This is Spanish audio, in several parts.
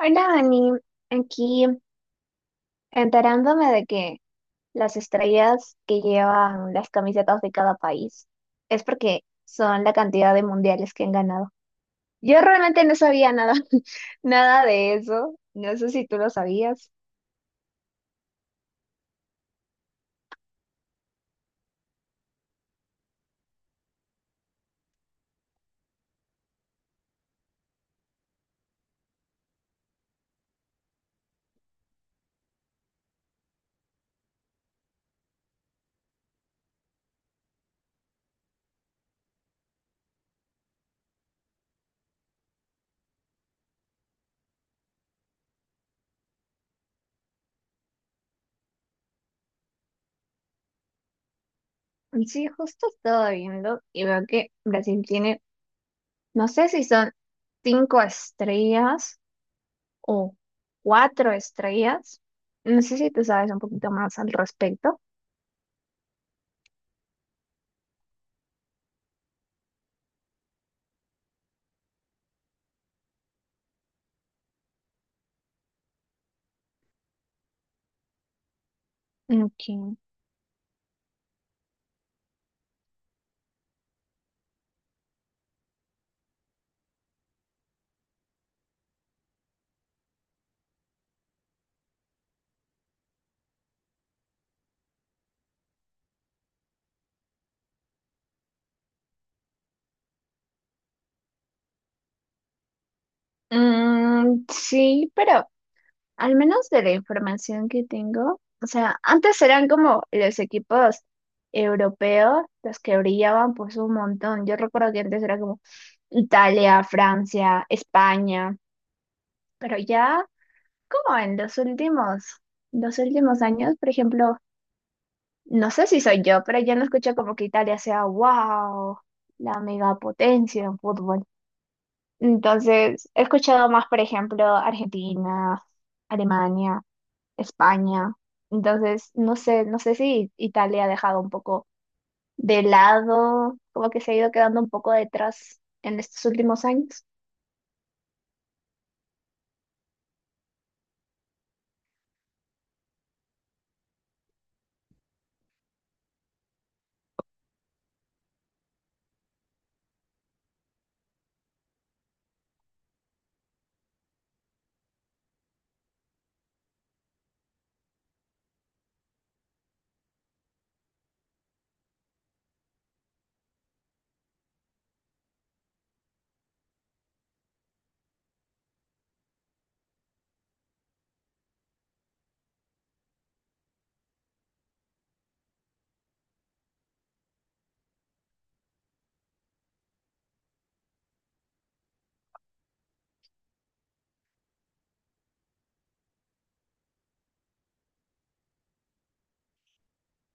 Hola, Dani. Aquí enterándome de que las estrellas que llevan las camisetas de cada país es porque son la cantidad de mundiales que han ganado. Yo realmente no sabía nada, nada de eso. No sé si tú lo sabías. Sí, justo estaba viendo y veo que Brasil tiene, no sé si son cinco estrellas o cuatro estrellas. No sé si tú sabes un poquito más al respecto. Ok. Mm, sí, pero al menos de la información que tengo, o sea, antes eran como los equipos europeos los que brillaban pues un montón. Yo recuerdo que antes era como Italia, Francia, España, pero ya como en los últimos años, por ejemplo, no sé si soy yo, pero ya no escucho como que Italia sea wow, la megapotencia en fútbol. Entonces, he escuchado más, por ejemplo, Argentina, Alemania, España. Entonces, no sé si Italia ha dejado un poco de lado, como que se ha ido quedando un poco detrás en estos últimos años.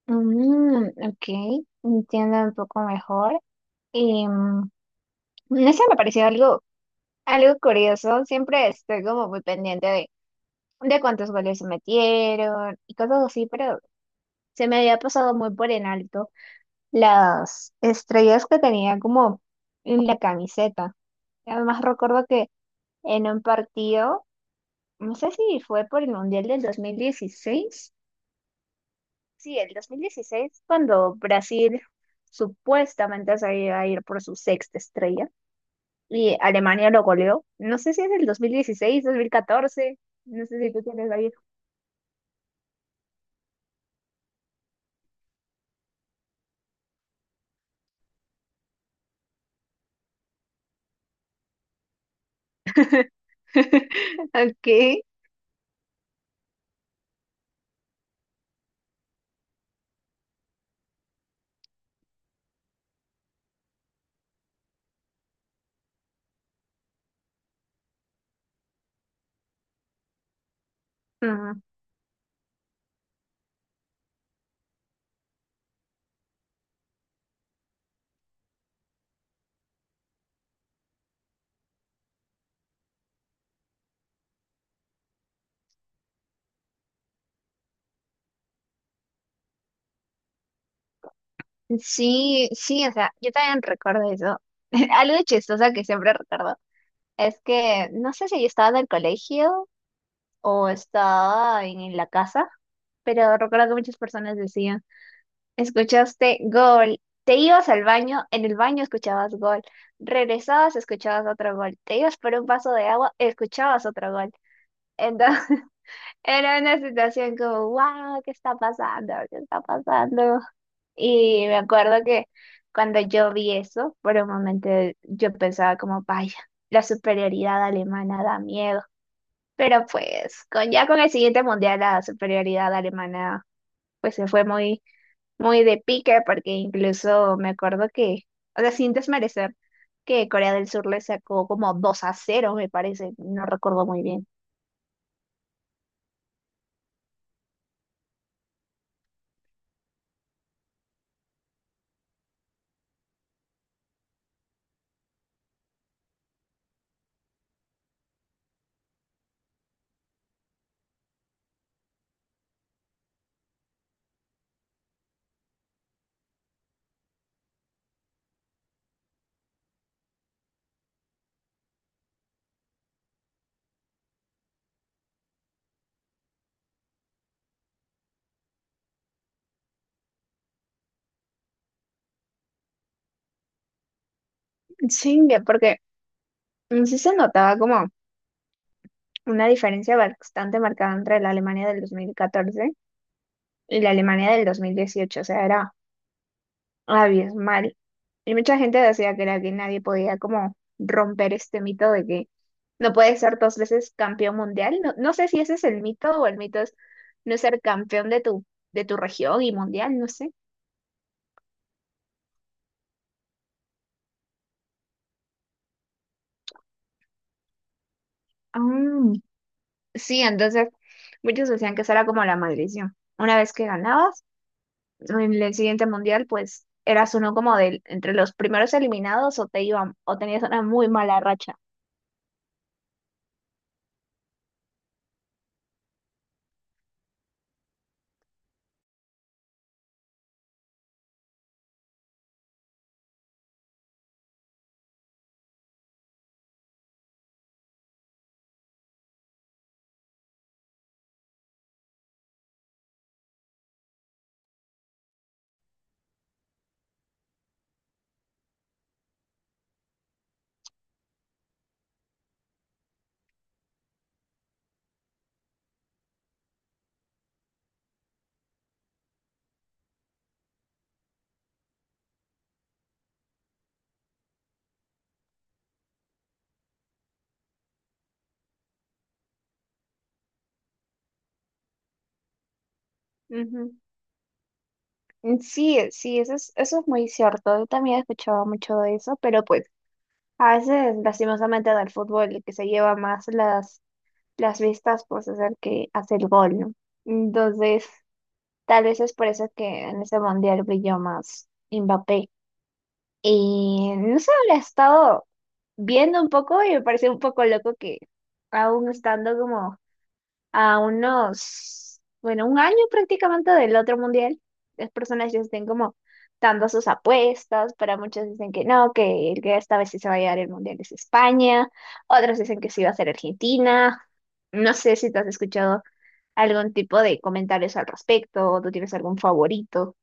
Mm, ok, entiendo un poco mejor. Y eso me pareció algo curioso. Siempre estoy como muy pendiente de cuántos goles se metieron y cosas así, pero se me había pasado muy por en alto, las estrellas que tenía como en la camiseta. Además recuerdo que en un partido, no sé si fue por el Mundial del 2016, sí, el 2016 cuando Brasil supuestamente se iba a ir por su sexta estrella y Alemania lo goleó. No sé si es el dos 2016 2014. No sé si tú tienes ahí. Ok. Ah, sí, sí, o sea, yo también recuerdo eso. Algo chistoso que siempre recuerdo es que no sé si yo estaba en el colegio o estaba en la casa, pero recuerdo que muchas personas decían, escuchaste gol, te ibas al baño, en el baño escuchabas gol, regresabas, escuchabas otro gol, te ibas por un vaso de agua, escuchabas otro gol. Entonces era una situación como, wow, ¿qué está pasando? ¿Qué está pasando? Y me acuerdo que cuando yo vi eso, por un momento yo pensaba como, vaya, la superioridad alemana da miedo. Pero pues ya con el siguiente mundial la superioridad alemana pues se fue muy, muy de pique porque incluso me acuerdo que, o sea, sin desmerecer, que Corea del Sur le sacó como 2-0 me parece, no recuerdo muy bien. Sí, que porque sí se notaba como una diferencia bastante marcada entre la Alemania del 2014 y la Alemania del 2018, o sea, era abismal. Y mucha gente decía que era que nadie podía como romper este mito de que no puedes ser dos veces campeón mundial. No, no sé si ese es el mito o el mito es no ser campeón de tu, región y mundial, no sé. Ah, sí, entonces muchos decían que esa era como la maldición. Una vez que ganabas, en el siguiente mundial, pues eras uno como de entre los primeros eliminados o te iban, o tenías una muy mala racha. Ujú. Sí, sí, eso es muy cierto. Yo también he escuchado mucho de eso, pero pues a veces, lastimosamente, del fútbol el que se lleva más las vistas, pues es el que hace el gol, ¿no? Entonces, tal vez es por eso que en ese mundial brilló más Mbappé. Y no sé, lo he estado viendo un poco y me parece un poco loco que aún estando como a unos, bueno, un año prácticamente del otro mundial, las personas ya estén como dando sus apuestas, para muchos dicen que no, que el que esta vez sí se va a llevar el mundial es España, otros dicen que sí va a ser Argentina, no sé si te has escuchado algún tipo de comentarios al respecto, o tú tienes algún favorito.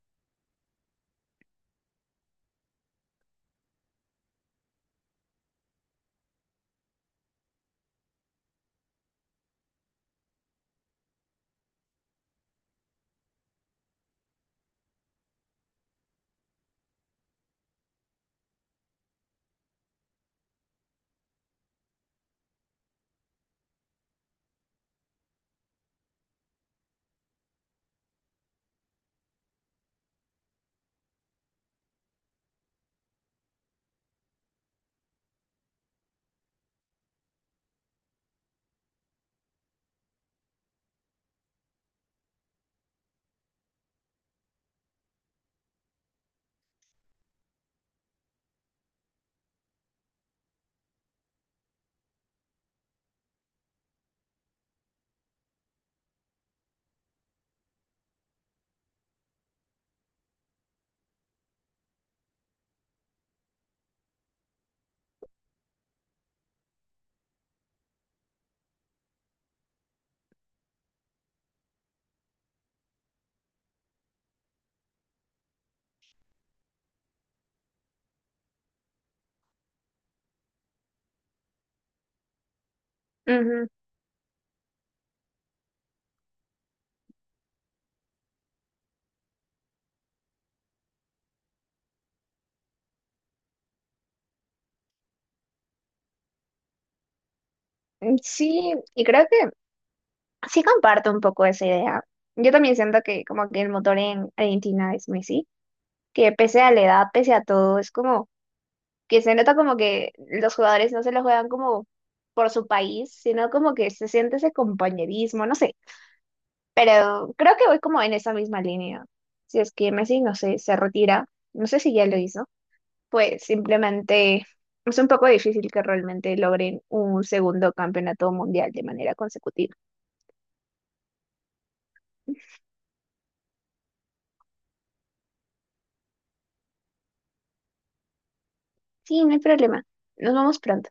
Ujú. Mm, sí, y creo que sí comparto un poco esa idea. Yo también siento que como que el motor en Argentina es Messi, que pese a la edad, pese a todo, es como que se nota como que los jugadores no se lo juegan como por su país, sino como que se siente ese compañerismo, no sé. Pero creo que voy como en esa misma línea. Si es que Messi, no sé, se retira, no sé si ya lo hizo, pues simplemente es un poco difícil que realmente logren un segundo campeonato mundial de manera consecutiva. Sí, no hay problema. Nos vamos pronto.